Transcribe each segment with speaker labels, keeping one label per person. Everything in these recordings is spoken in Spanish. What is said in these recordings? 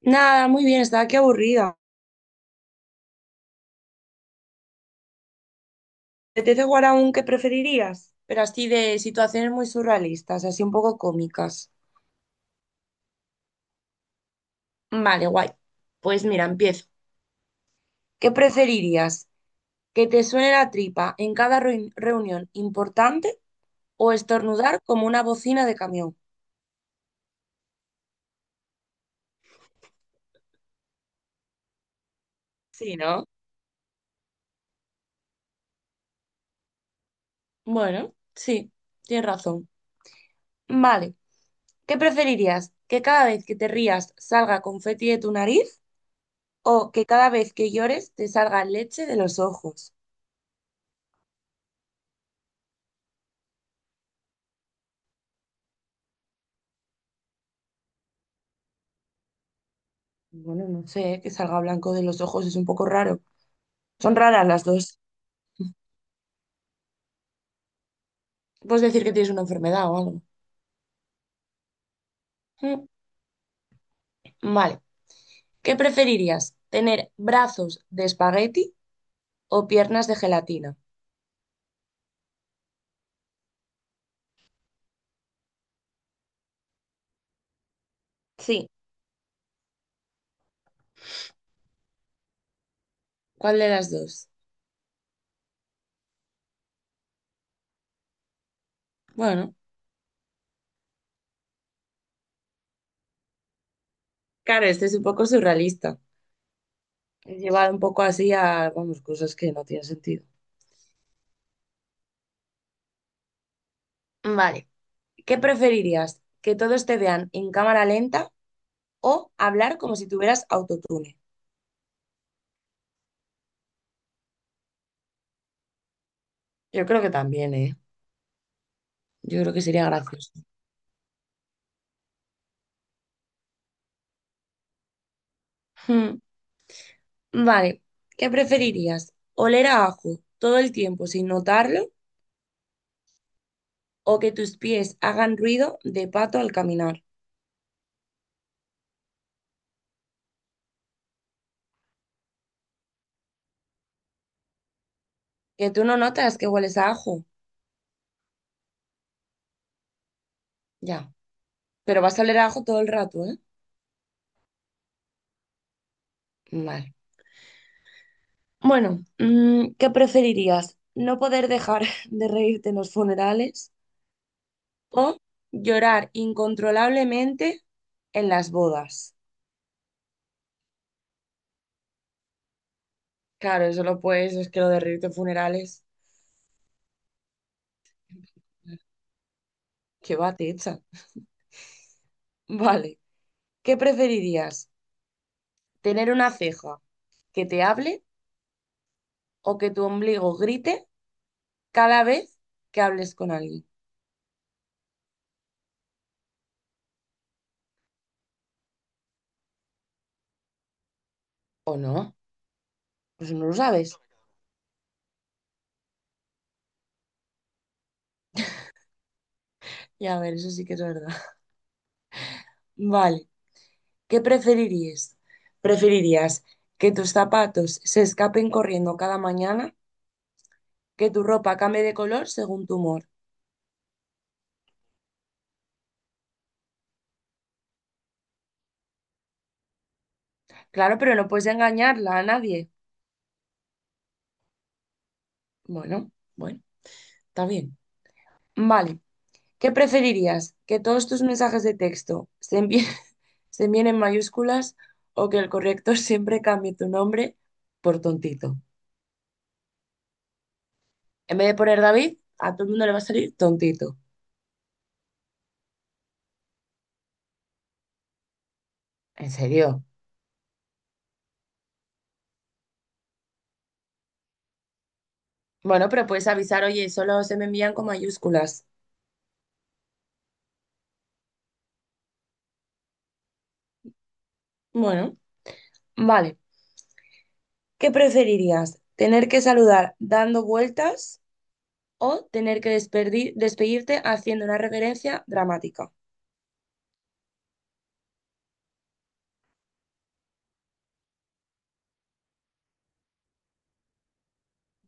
Speaker 1: Nada, muy bien, estaba aquí aburrida. ¿Te apetece jugar a un que preferirías? Pero así de situaciones muy surrealistas, así un poco cómicas. Vale, guay. Pues mira, empiezo. ¿Qué preferirías? ¿Que te suene la tripa en cada reunión importante o estornudar como una bocina de camión? Sí, ¿no? Bueno, sí, tienes razón. Vale, ¿qué preferirías? ¿Que cada vez que te rías salga confeti de tu nariz o que cada vez que llores te salga leche de los ojos? Bueno, no sé, que salga blanco de los ojos es un poco raro. Son raras las dos. Puedes decir que tienes una enfermedad o algo. Mm. Vale. ¿Qué preferirías? ¿Tener brazos de espagueti o piernas de gelatina? Sí. ¿Cuál de las dos? Bueno, claro, este es un poco surrealista. He llevado un poco así a, vamos, cosas que no tienen sentido. Vale. ¿Qué preferirías? ¿Que todos te vean en cámara lenta o hablar como si tuvieras autotune? Yo creo que también, ¿eh? Yo creo que sería gracioso. Hmm. Vale, ¿qué preferirías? ¿Oler a ajo todo el tiempo sin notarlo o que tus pies hagan ruido de pato al caminar? Que tú no notas que hueles a ajo, ya, pero vas a oler a ajo todo el rato, ¿eh? Vale. Bueno, ¿Qué preferirías? ¿No poder dejar de reírte en los funerales o llorar incontrolablemente en las bodas? Claro, eso lo puedes, es que lo de reírte en funerales, qué va, te echa. Vale, ¿qué preferirías? Tener una ceja que te hable o que tu ombligo grite cada vez que hables con alguien. ¿O no? Pues no lo sabes. Ya, a ver, eso sí que es verdad. Vale, ¿qué preferirías? ¿Preferirías que tus zapatos se escapen corriendo cada mañana? ¿Que tu ropa cambie de color según tu humor? Claro, pero no puedes engañarla a nadie. Bueno, está bien. Vale, ¿qué preferirías? ¿Que todos tus mensajes de texto se envíen, se envíen en mayúsculas o que el corrector siempre cambie tu nombre por tontito? En vez de poner David, a todo el mundo le va a salir tontito. ¿En serio? Bueno, pero puedes avisar, oye, solo se me envían con mayúsculas. Bueno, vale. ¿Qué preferirías? ¿Tener que saludar dando vueltas o tener que despedirte haciendo una referencia dramática?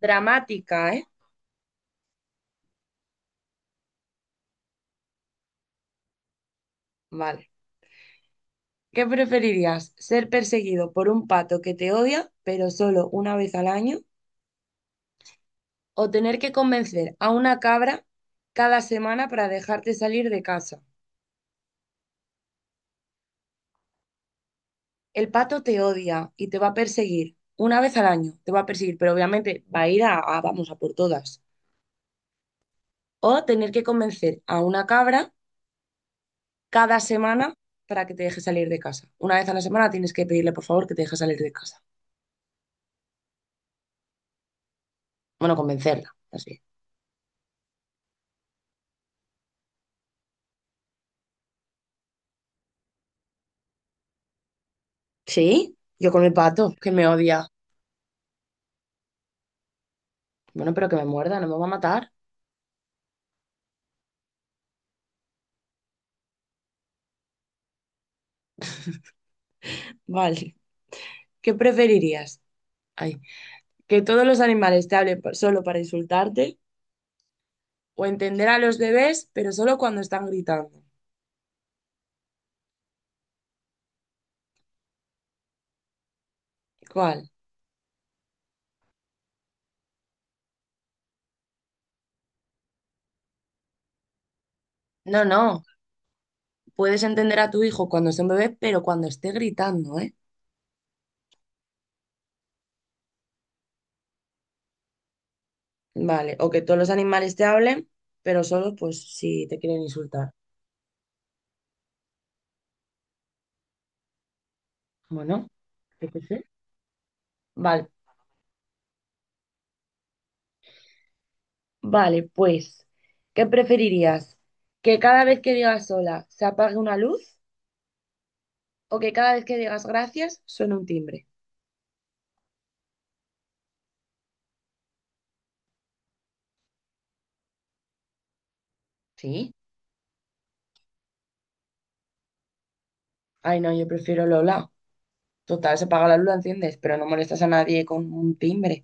Speaker 1: Dramática, ¿eh? Vale. ¿Qué preferirías? ¿Ser perseguido por un pato que te odia, pero solo una vez al año? ¿O tener que convencer a una cabra cada semana para dejarte salir de casa? El pato te odia y te va a perseguir una vez al año, te va a perseguir, pero obviamente va a ir a- vamos a por todas. O tener que convencer a una cabra cada semana para que te deje salir de casa. Una vez a la semana tienes que pedirle por favor que te deje salir de casa. Bueno, convencerla, así. Sí, yo con el pato que me odia. Bueno, pero que me muerda, no me va a matar. Vale. ¿Qué preferirías? Ay, ¿que todos los animales te hablen solo para insultarte? ¿O entender a los bebés, pero solo cuando están gritando? ¿Cuál? No, no. Puedes entender a tu hijo cuando sea un bebé, pero cuando esté gritando, ¿eh? Vale. ¿O que todos los animales te hablen, pero solo pues si te quieren insultar? Bueno, yo qué sé. Vale, vale, pues, ¿qué preferirías? ¿Que cada vez que digas sola se apague una luz? O que cada vez que digas gracias suene un timbre. Sí. Ay, no, yo prefiero Lola. Total, se apaga la luz, la enciendes, pero no molestas a nadie con un timbre.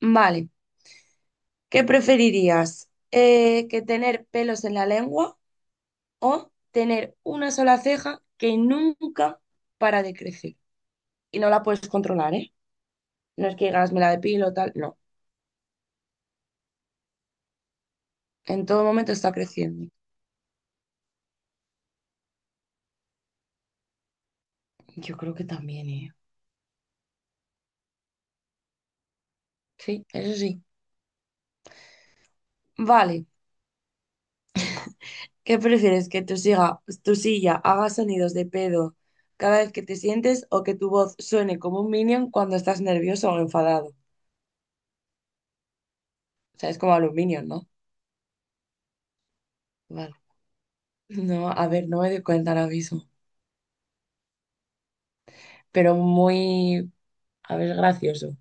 Speaker 1: Vale, ¿qué preferirías? ¿Que tener pelos en la lengua o tener una sola ceja que nunca para de crecer? Y no la puedes controlar, ¿eh? No es que digas, me la depilo o tal, no. En todo momento está creciendo. Yo creo que también, ¿eh? Sí, eso sí. Vale. ¿Qué prefieres? ¿Que tu silla haga sonidos de pedo cada vez que te sientes o que tu voz suene como un minion cuando estás nervioso o enfadado? O sea, es como a los minions, ¿no? Vale. No, a ver, no me doy cuenta ahora mismo. Pero muy, a ver, gracioso.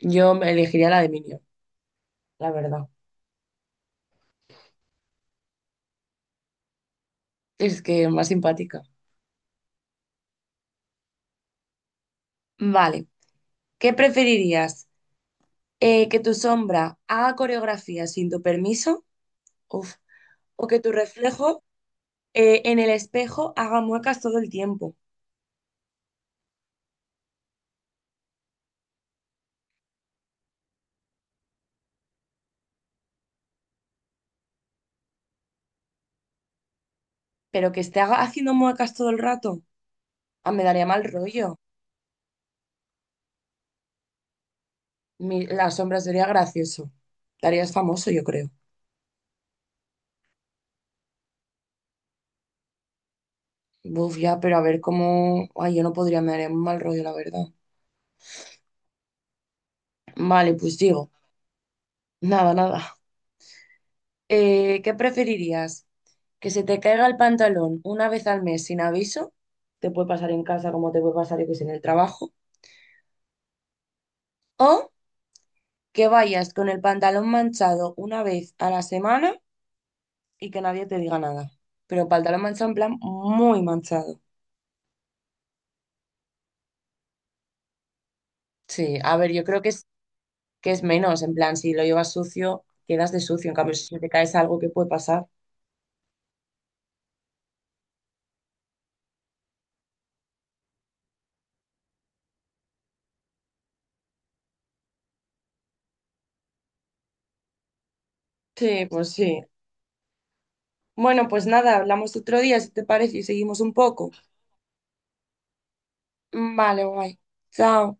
Speaker 1: Yo me elegiría la de minion, la verdad. Es que más simpática. Vale. ¿Qué preferirías? ¿Que tu sombra haga coreografía sin tu permiso? Uf. ¿O que tu reflejo en el espejo haga muecas todo el tiempo? Pero que esté haciendo muecas todo el rato, ah, me daría mal rollo. La sombra sería gracioso. Darías famoso, yo creo. Buf, ya, pero a ver cómo. Ay, yo no podría, me daría un mal rollo, la verdad. Vale, pues digo, nada, nada. ¿Qué preferirías? ¿Que se te caiga el pantalón una vez al mes sin aviso? Te puede pasar en casa como te puede pasar, yo que sé, en el trabajo. O que vayas con el pantalón manchado una vez a la semana y que nadie te diga nada. Pero pantalón manchado en plan muy manchado. Sí, a ver, yo creo que es menos, en plan, si lo llevas sucio, quedas de sucio, en cambio, si se te caes algo qué puede pasar. Sí, pues sí. Bueno, pues nada, hablamos otro día, si te parece, y seguimos un poco. Vale, guay. Chao.